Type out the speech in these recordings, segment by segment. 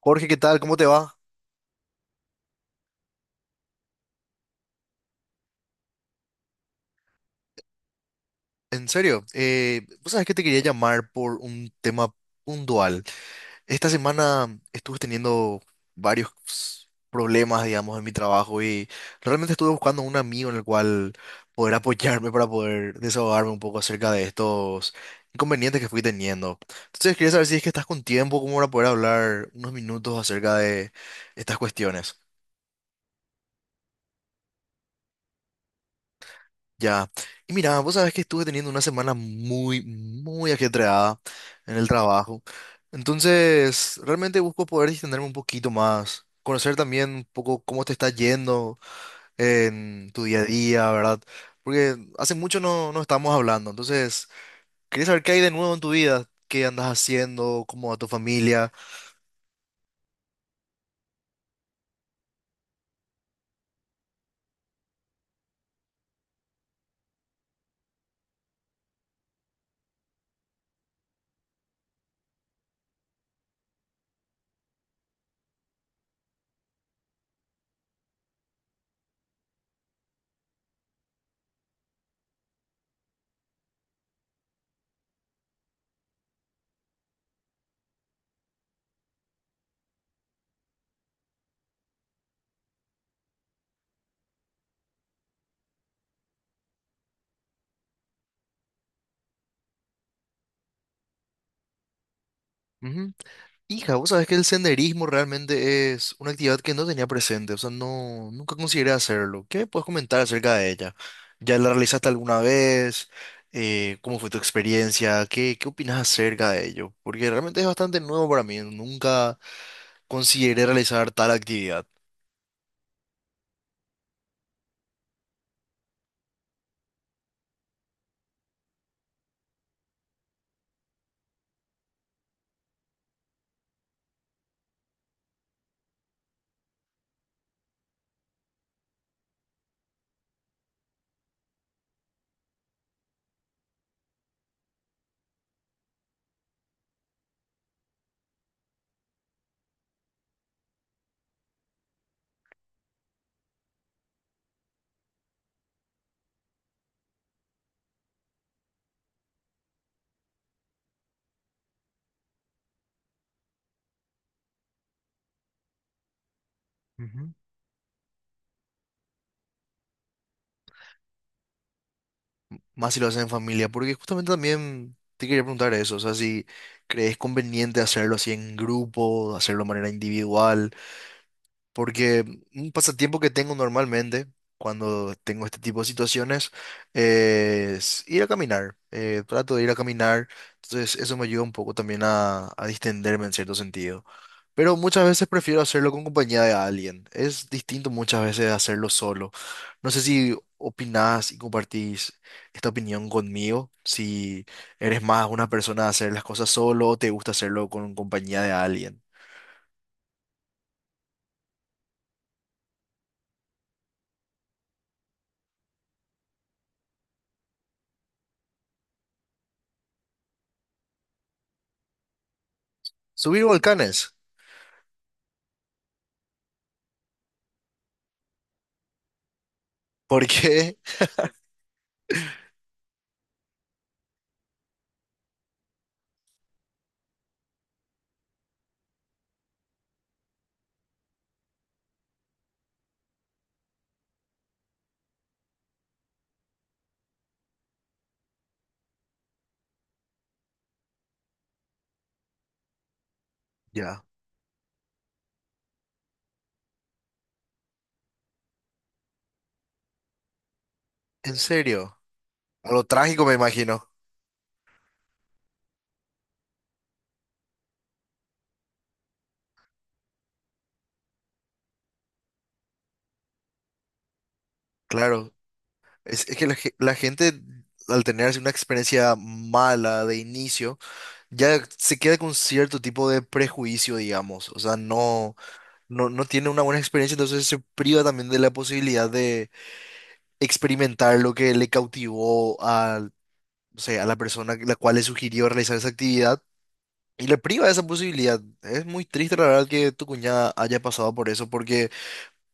Jorge, ¿qué tal? ¿Cómo te va? En serio, vos sabés que te quería llamar por un tema puntual. Esta semana estuve teniendo varios problemas, digamos, en mi trabajo y realmente estuve buscando un amigo en el cual poder apoyarme para poder desahogarme un poco acerca de estos inconvenientes que fui teniendo. Entonces quería saber si es que estás con tiempo, como para poder hablar unos minutos acerca de estas cuestiones. Ya. Y mira, vos sabés que estuve teniendo una semana muy, muy ajetreada en el trabajo. Entonces, realmente busco poder distenderme un poquito más, conocer también un poco cómo te está yendo en tu día a día, ¿verdad? Porque hace mucho no estamos hablando. Entonces, quería saber qué hay de nuevo en tu vida, qué andas haciendo, cómo va tu familia. Hija, vos sabés que el senderismo realmente es una actividad que no tenía presente, o sea, no, nunca consideré hacerlo. ¿Qué me puedes comentar acerca de ella? ¿Ya la realizaste alguna vez? ¿Cómo fue tu experiencia? ¿Qué opinas acerca de ello? Porque realmente es bastante nuevo para mí, nunca consideré realizar tal actividad. Ujú. Más si lo haces en familia, porque justamente también te quería preguntar eso, o sea, si crees conveniente hacerlo así en grupo, hacerlo de manera individual. Porque un pasatiempo que tengo normalmente cuando tengo este tipo de situaciones es ir a caminar. Trato de ir a caminar. Entonces eso me ayuda un poco también a distenderme en cierto sentido. Pero muchas veces prefiero hacerlo con compañía de alguien. Es distinto muchas veces de hacerlo solo. No sé si opinás y compartís esta opinión conmigo. Si eres más una persona de hacer las cosas solo o te gusta hacerlo con compañía de alguien. Subir volcanes. ¿Por qué? Ya. ¿En serio? Algo trágico, me imagino. Claro. Es que la gente, al tener así una experiencia mala de inicio, ya se queda con cierto tipo de prejuicio, digamos. O sea, no tiene una buena experiencia, entonces se priva también de la posibilidad de experimentar lo que le cautivó a, no sé, a la persona la cual le sugirió realizar esa actividad. Y le priva de esa posibilidad. Es muy triste, la verdad, que tu cuñada haya pasado por eso, porque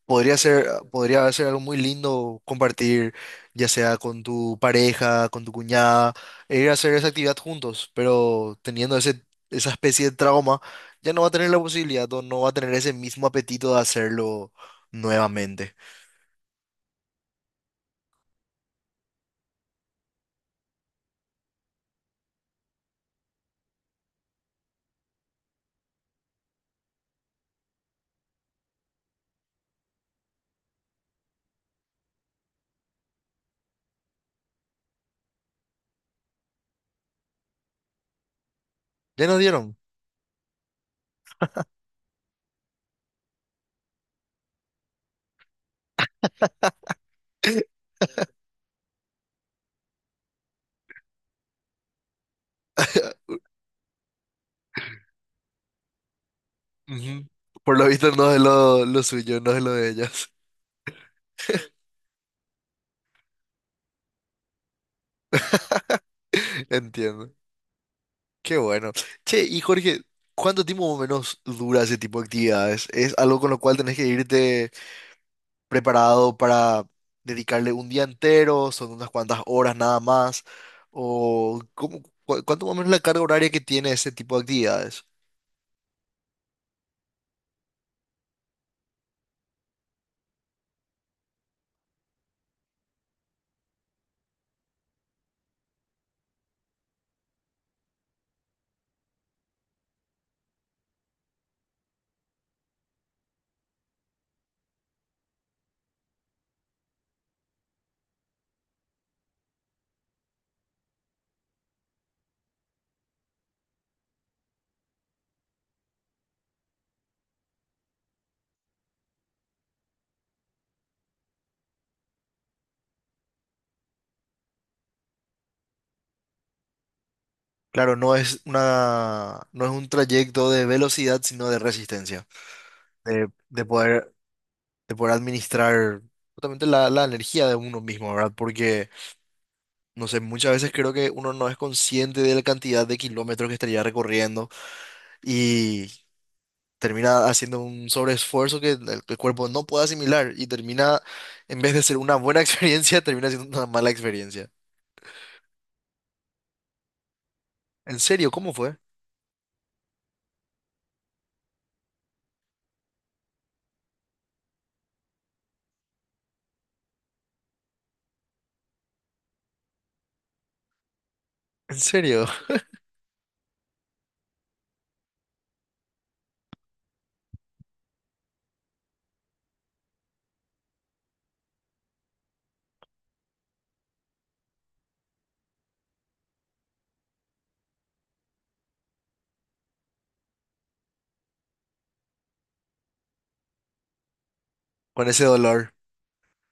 podría ser, podría ser algo muy lindo compartir, ya sea con tu pareja, con tu cuñada, e ir a hacer esa actividad juntos, pero teniendo esa especie de trauma, ya no va a tener la posibilidad o no va a tener ese mismo apetito de hacerlo nuevamente. Ya nos dieron. Ujú. Por lo visto no es lo suyo, no es lo de ellas. Entiendo. Qué bueno. Che, y Jorge, ¿cuánto tiempo más o menos dura ese tipo de actividades? ¿Es algo con lo cual tenés que irte preparado para dedicarle un día entero, son unas cuantas horas nada más, o cómo, cuánto más o menos la carga horaria que tiene ese tipo de actividades? Claro, no es no es un trayecto de velocidad, sino de resistencia, de, de poder, de poder administrar justamente la energía de uno mismo, ¿verdad? Porque, no sé, muchas veces creo que uno no es consciente de la cantidad de kilómetros que estaría recorriendo y termina haciendo un sobreesfuerzo que el cuerpo no puede asimilar y termina, en vez de ser una buena experiencia, termina siendo una mala experiencia. ¿En serio? ¿Cómo fue? ¿En serio? Con ese dolor.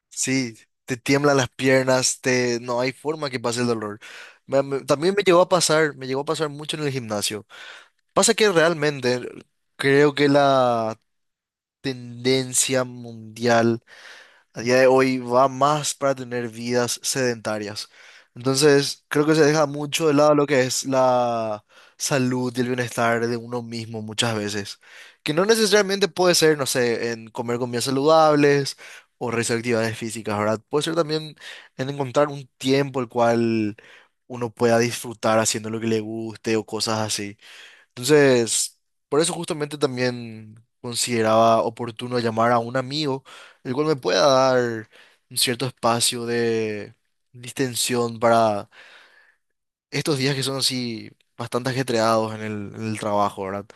Sí, te tiemblan las piernas, te no hay forma que pase el dolor. También me llegó a pasar, me llegó a pasar mucho en el gimnasio. Pasa que realmente creo que la tendencia mundial a día de hoy va más para tener vidas sedentarias. Entonces, creo que se deja mucho de lado lo que es la salud y el bienestar de uno mismo muchas veces. Que no necesariamente puede ser, no sé, en comer comidas saludables o realizar actividades físicas, ¿verdad? Puede ser también en encontrar un tiempo el cual uno pueda disfrutar haciendo lo que le guste o cosas así. Entonces, por eso justamente también consideraba oportuno llamar a un amigo, el cual me pueda dar un cierto espacio de distensión para estos días que son así bastante ajetreados en en el trabajo, ¿verdad?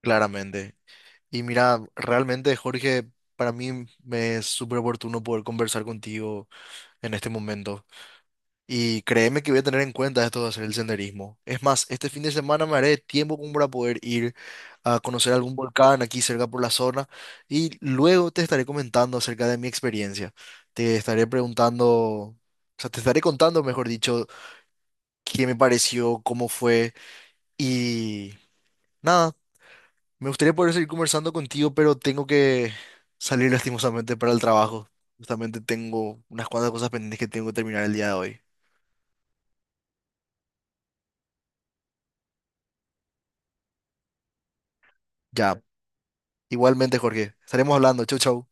Claramente. Y mira, realmente, Jorge, para mí me es súper oportuno poder conversar contigo en este momento. Y créeme que voy a tener en cuenta esto de hacer el senderismo. Es más, este fin de semana me haré tiempo como para poder ir a conocer algún volcán aquí cerca por la zona y luego te estaré comentando acerca de mi experiencia. Te estaré preguntando, o sea, te estaré contando, mejor dicho, qué me pareció, cómo fue y nada, me gustaría poder seguir conversando contigo, pero tengo que salir lastimosamente para el trabajo. Justamente tengo unas cuantas cosas pendientes que tengo que terminar el día de hoy. Ya, igualmente, Jorge, estaremos hablando. Chau, chau.